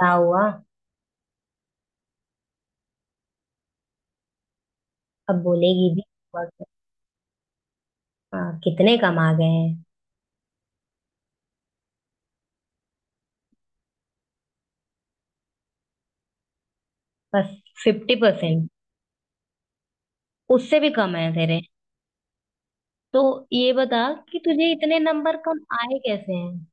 क्या हुआ। अब बोलेगी भी। हुआ क्या? हाँ, कितने कम आ गए हैं। बस 50%। उससे भी कम है तेरे। तो ये बता कि तुझे इतने नंबर कम आए कैसे हैं।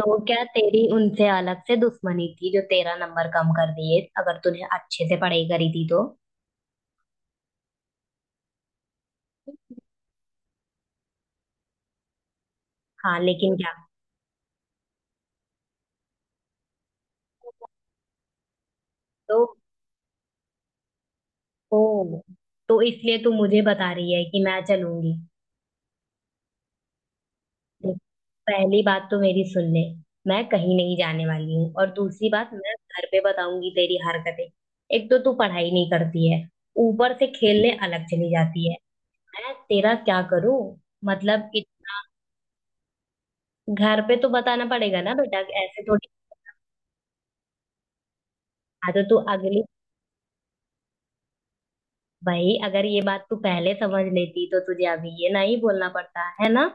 तो क्या तेरी उनसे अलग से दुश्मनी थी जो तेरा नंबर कम कर दिए, अगर तूने अच्छे से पढ़ाई करी थी तो। हाँ लेकिन क्या। तो ओ, तो इसलिए तू मुझे बता रही है कि मैं चलूंगी। देख, पहली बात तो मेरी सुन ले, मैं कहीं नहीं जाने वाली हूँ और दूसरी बात मैं घर पे बताऊंगी तेरी हरकतें। एक तो तू पढ़ाई नहीं करती है, ऊपर से खेलने अलग चली जाती है। मैं तेरा क्या करूं। मतलब कि घर पे तो बताना पड़ेगा ना बेटा, ऐसे थोड़ी। हाँ तो तू अगली। भाई अगर ये बात तू पहले समझ लेती तो तुझे अभी ये नहीं बोलना पड़ता है ना।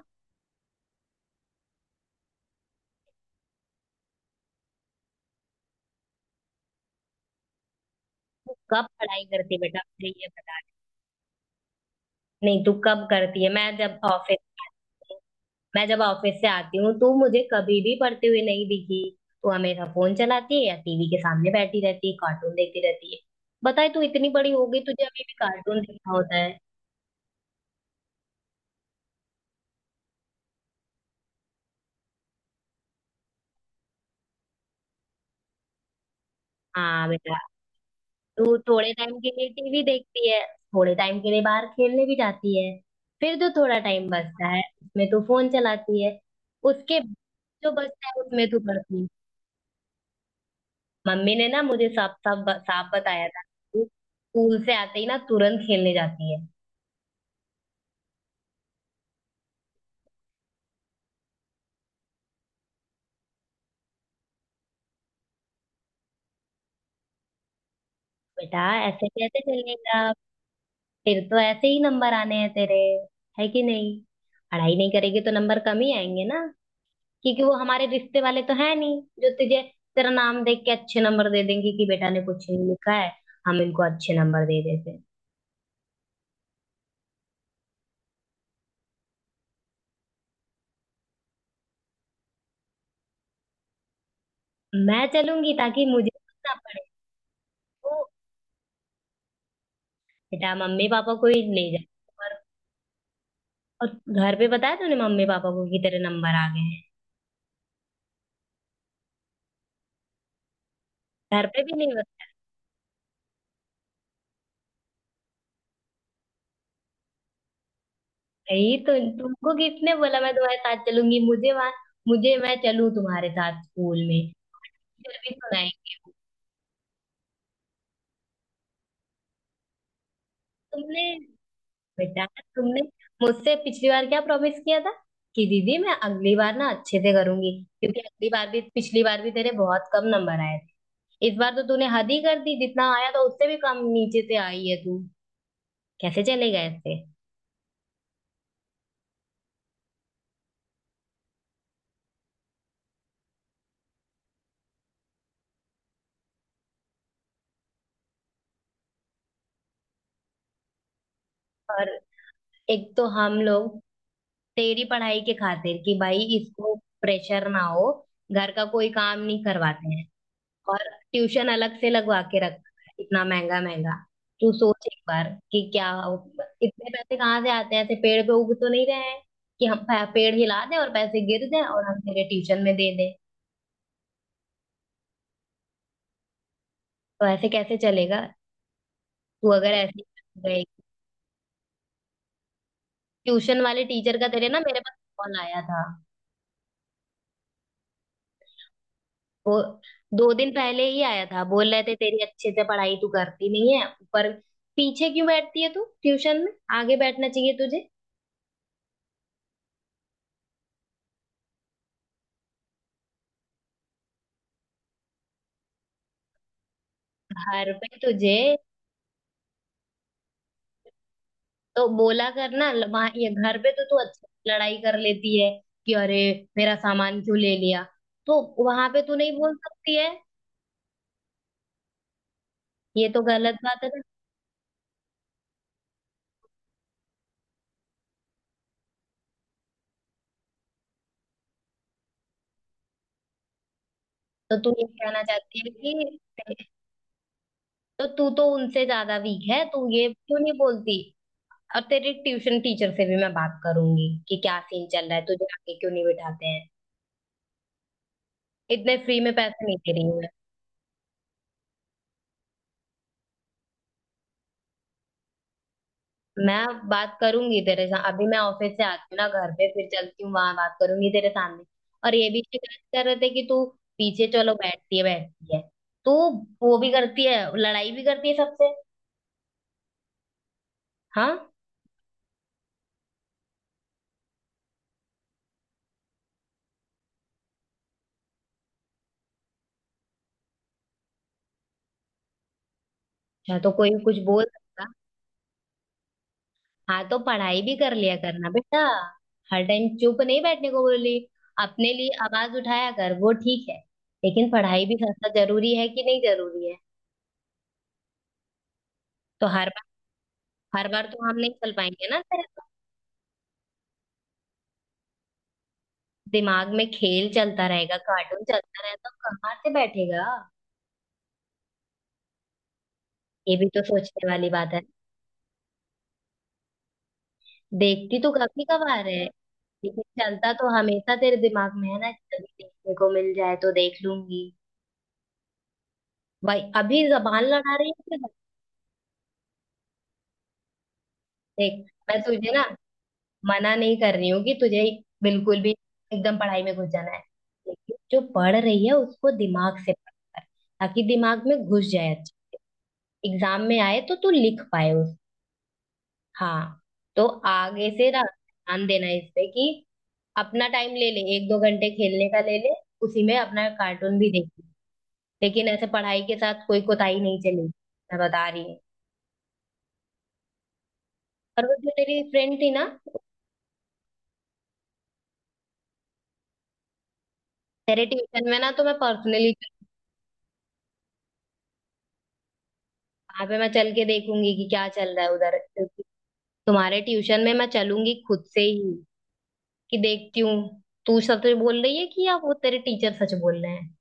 तू कब पढ़ाई करती है बेटा, मुझे ये बता। नहीं तू कब करती है, मैं जब ऑफिस। मैं जब ऑफिस से आती हूँ तू मुझे कभी भी पढ़ते हुए नहीं दिखी। तू हमेशा फोन चलाती है या टीवी के सामने बैठी रहती है, कार्टून देखती रहती है। बताए तू इतनी बड़ी हो गई, तुझे अभी भी कार्टून देखना होता है। हाँ बेटा। तू थोड़े टाइम के लिए टीवी देखती है, थोड़े टाइम के लिए बाहर खेलने भी जाती है, फिर जो थोड़ा टाइम बचता है उसमें तू फोन चलाती है। उसके बाद जो बचता है उसमें तू पढ़ती है। मम्मी ने ना मुझे साफ साफ साफ बताया था, तू स्कूल से आते ही ना तुरंत खेलने जाती है। बेटा ऐसे कैसे चलेगा, फिर तो ऐसे ही नंबर आने हैं तेरे, है कि नहीं। पढ़ाई नहीं करेगी तो नंबर कम ही आएंगे ना, क्योंकि वो हमारे रिश्ते वाले तो है नहीं जो तुझे तेरा नाम देख के अच्छे नंबर दे देंगे कि बेटा ने कुछ नहीं लिखा है, हम इनको अच्छे नंबर दे देते हैं। मैं चलूंगी ताकि मुझे ना पड़े। तो बेटा मम्मी पापा को ही ले जाए। और और घर पे बताया तूने मम्मी पापा को कि तेरे नंबर आ गए हैं। घर पे भी नहीं। नहीं तो तुमको किसने बोला मैं तुम्हारे साथ चलूंगी, मुझे वहां। मुझे मैं चलूं तुम्हारे साथ स्कूल में। फिर भी सुनाई। तुमने बेटा, तुमने मुझसे पिछली बार क्या प्रॉमिस किया था कि दीदी मैं अगली बार ना अच्छे से करूंगी। क्योंकि अगली बार भी पिछली बार भी तेरे बहुत कम नंबर आए थे, इस बार तो तूने हद ही कर दी, जितना आया था उससे भी कम नीचे से आई है तू। कैसे चलेगा ऐसे। और एक तो हम लोग तेरी पढ़ाई के खातिर कि भाई इसको प्रेशर ना हो, घर का कोई काम नहीं करवाते हैं। और ट्यूशन अलग से लगवा के रखना है इतना महंगा महंगा। तू सोच एक बार कि क्या इतने पैसे कहाँ से आते हैं, ऐसे पेड़ पे उग तो नहीं रहे हैं कि पेड़ हिला दें और पैसे गिर जाएं और हम तेरे ट्यूशन में दे दें। तो ऐसे कैसे चलेगा। तू अगर ऐसे ही गए। ट्यूशन वाले टीचर का तेरे ना मेरे पास कॉल आया था। वो 2 दिन पहले ही आया था, बोल रहे थे तेरी अच्छे से पढ़ाई तू करती नहीं है ऊपर। पीछे क्यों बैठती है तू ट्यूशन में, आगे बैठना चाहिए तुझे। घर पे तुझे तो बोला करना वहाँ, ये घर पे तो तू अच्छे से लड़ाई कर लेती है कि अरे मेरा सामान क्यों ले लिया, तो वहां पे तू नहीं बोल सकती है। ये तो गलत बात है ना। तो तू ये कहना चाहती है कि तो तू तो उनसे ज्यादा वीक है, तू ये क्यों नहीं बोलती। और तेरे ट्यूशन टीचर से भी मैं बात करूंगी कि क्या सीन चल रहा है, तुझे आगे क्यों नहीं बिठाते हैं, इतने फ्री में पैसे नहीं दे रही। मैं बात करूंगी तेरे साथ, अभी मैं ऑफिस से आती हूँ ना, घर पे फिर चलती हूँ, वहां बात करूंगी तेरे सामने। और ये भी शिकायत कर रहे थे कि तू पीछे चलो बैठती है बैठती है, तू वो भी करती है, लड़ाई भी करती है सबसे। हाँ। अच्छा तो कोई कुछ बोल सकता। हाँ तो पढ़ाई भी कर लिया करना बेटा, हर टाइम चुप नहीं बैठने को बोली, अपने लिए आवाज उठाया कर वो ठीक है। लेकिन पढ़ाई भी करना जरूरी है कि नहीं, जरूरी है। तो हर बार तो हम नहीं चल पाएंगे ना तेरे। दिमाग में खेल चलता रहेगा कार्टून चलता रहेगा तो कहाँ से बैठेगा, ये भी तो सोचने वाली बात है। देखती तो काफी कभार है, लेकिन चलता तो हमेशा तेरे दिमाग में है ना कि कभी देखने को मिल जाए तो देख लूंगी। भाई अभी जबान लड़ा रही है तेरे? देख, मैं तुझे ना मना नहीं कर रही हूँ कि तुझे बिल्कुल भी एकदम पढ़ाई में घुस जाना है, लेकिन जो पढ़ रही है उसको दिमाग से पढ़ कर, ताकि दिमाग में घुस जाए। अच्छा, एग्जाम में आए तो तू लिख पाए। हाँ, तो आगे से ना ध्यान देना इस पे कि अपना टाइम ले ले, एक दो घंटे खेलने का ले ले, उसी में अपना कार्टून भी देख ले। लेकिन ऐसे पढ़ाई के साथ कोई कोताही नहीं चलेगी, मैं बता रही हूँ। और वो जो मेरी फ्रेंड थी ना, मेरे ट्यूशन में ना तो मैं पर्सनली वहां पे मैं चल के देखूंगी कि क्या चल रहा है उधर। तुम्हारे ट्यूशन में मैं चलूंगी खुद से ही कि देखती हूँ तू सच बोल रही है कि या वो तेरे टीचर सच बोल रहे हैं।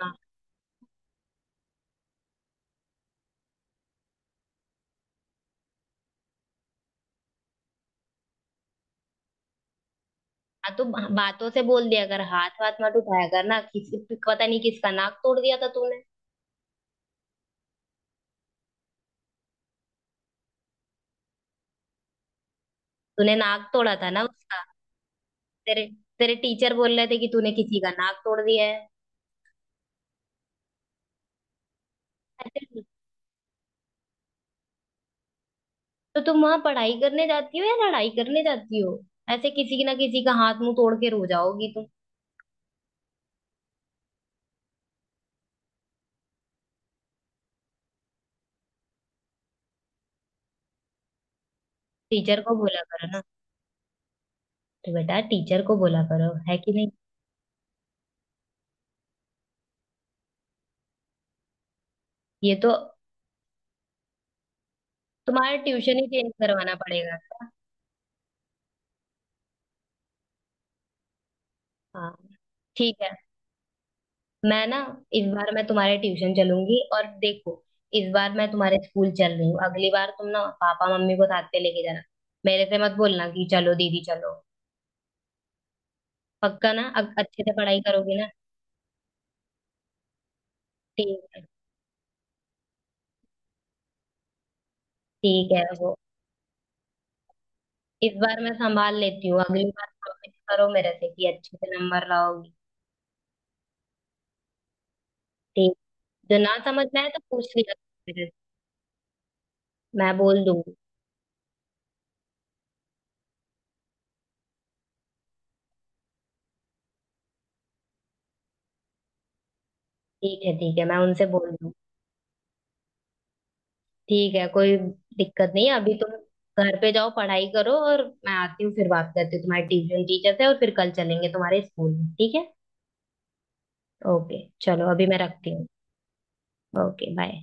हाँ। हाँ तो बातों से बोल दिया कर, हाथ वाथ मत उठाया कर ना किसी। पता नहीं किसका नाक तोड़ दिया था तूने। तूने नाक तोड़ा था ना उसका। तेरे तेरे टीचर बोल रहे थे कि तूने किसी का नाक तोड़ दिया है। ऐसे तो तुम वहां पढ़ाई करने जाती हो या लड़ाई करने जाती हो, ऐसे किसी ना किसी का हाथ मुंह तोड़ के रो जाओगी तुम। टीचर को बोला करो ना, तो बेटा टीचर को बोला करो, है कि नहीं। ये तो तुम्हारा ट्यूशन ही चेंज करवाना पड़ेगा। हाँ, ठीक है, मैं ना इस बार मैं तुम्हारे ट्यूशन चलूंगी, और देखो, इस बार मैं तुम्हारे स्कूल चल रही हूँ, अगली बार तुम ना पापा मम्मी को साथ पे लेके जाना, मेरे से मत बोलना कि चलो दीदी चलो। पक्का ना, अच्छे से पढ़ाई करोगी ना। ठीक है, ठीक है वो, इस बार मैं संभाल लेती हूँ, अगली बार प्रॉमिस करो मेरे से कि अच्छे से नंबर लाओगी। ठीक। जो ना समझ में आए तो पूछ लिया करो मेरे से। मैं बोल दूंगी। ठीक है, ठीक है, मैं उनसे बोल दूंगी। ठीक है कोई दिक्कत नहीं है, अभी तुम घर पे जाओ पढ़ाई करो और मैं आती हूँ फिर बात करती हूँ तुम्हारे ट्यूशन टीचर से और फिर कल चलेंगे तुम्हारे स्कूल में, ठीक है। ओके चलो अभी मैं रखती हूँ। Okay bye.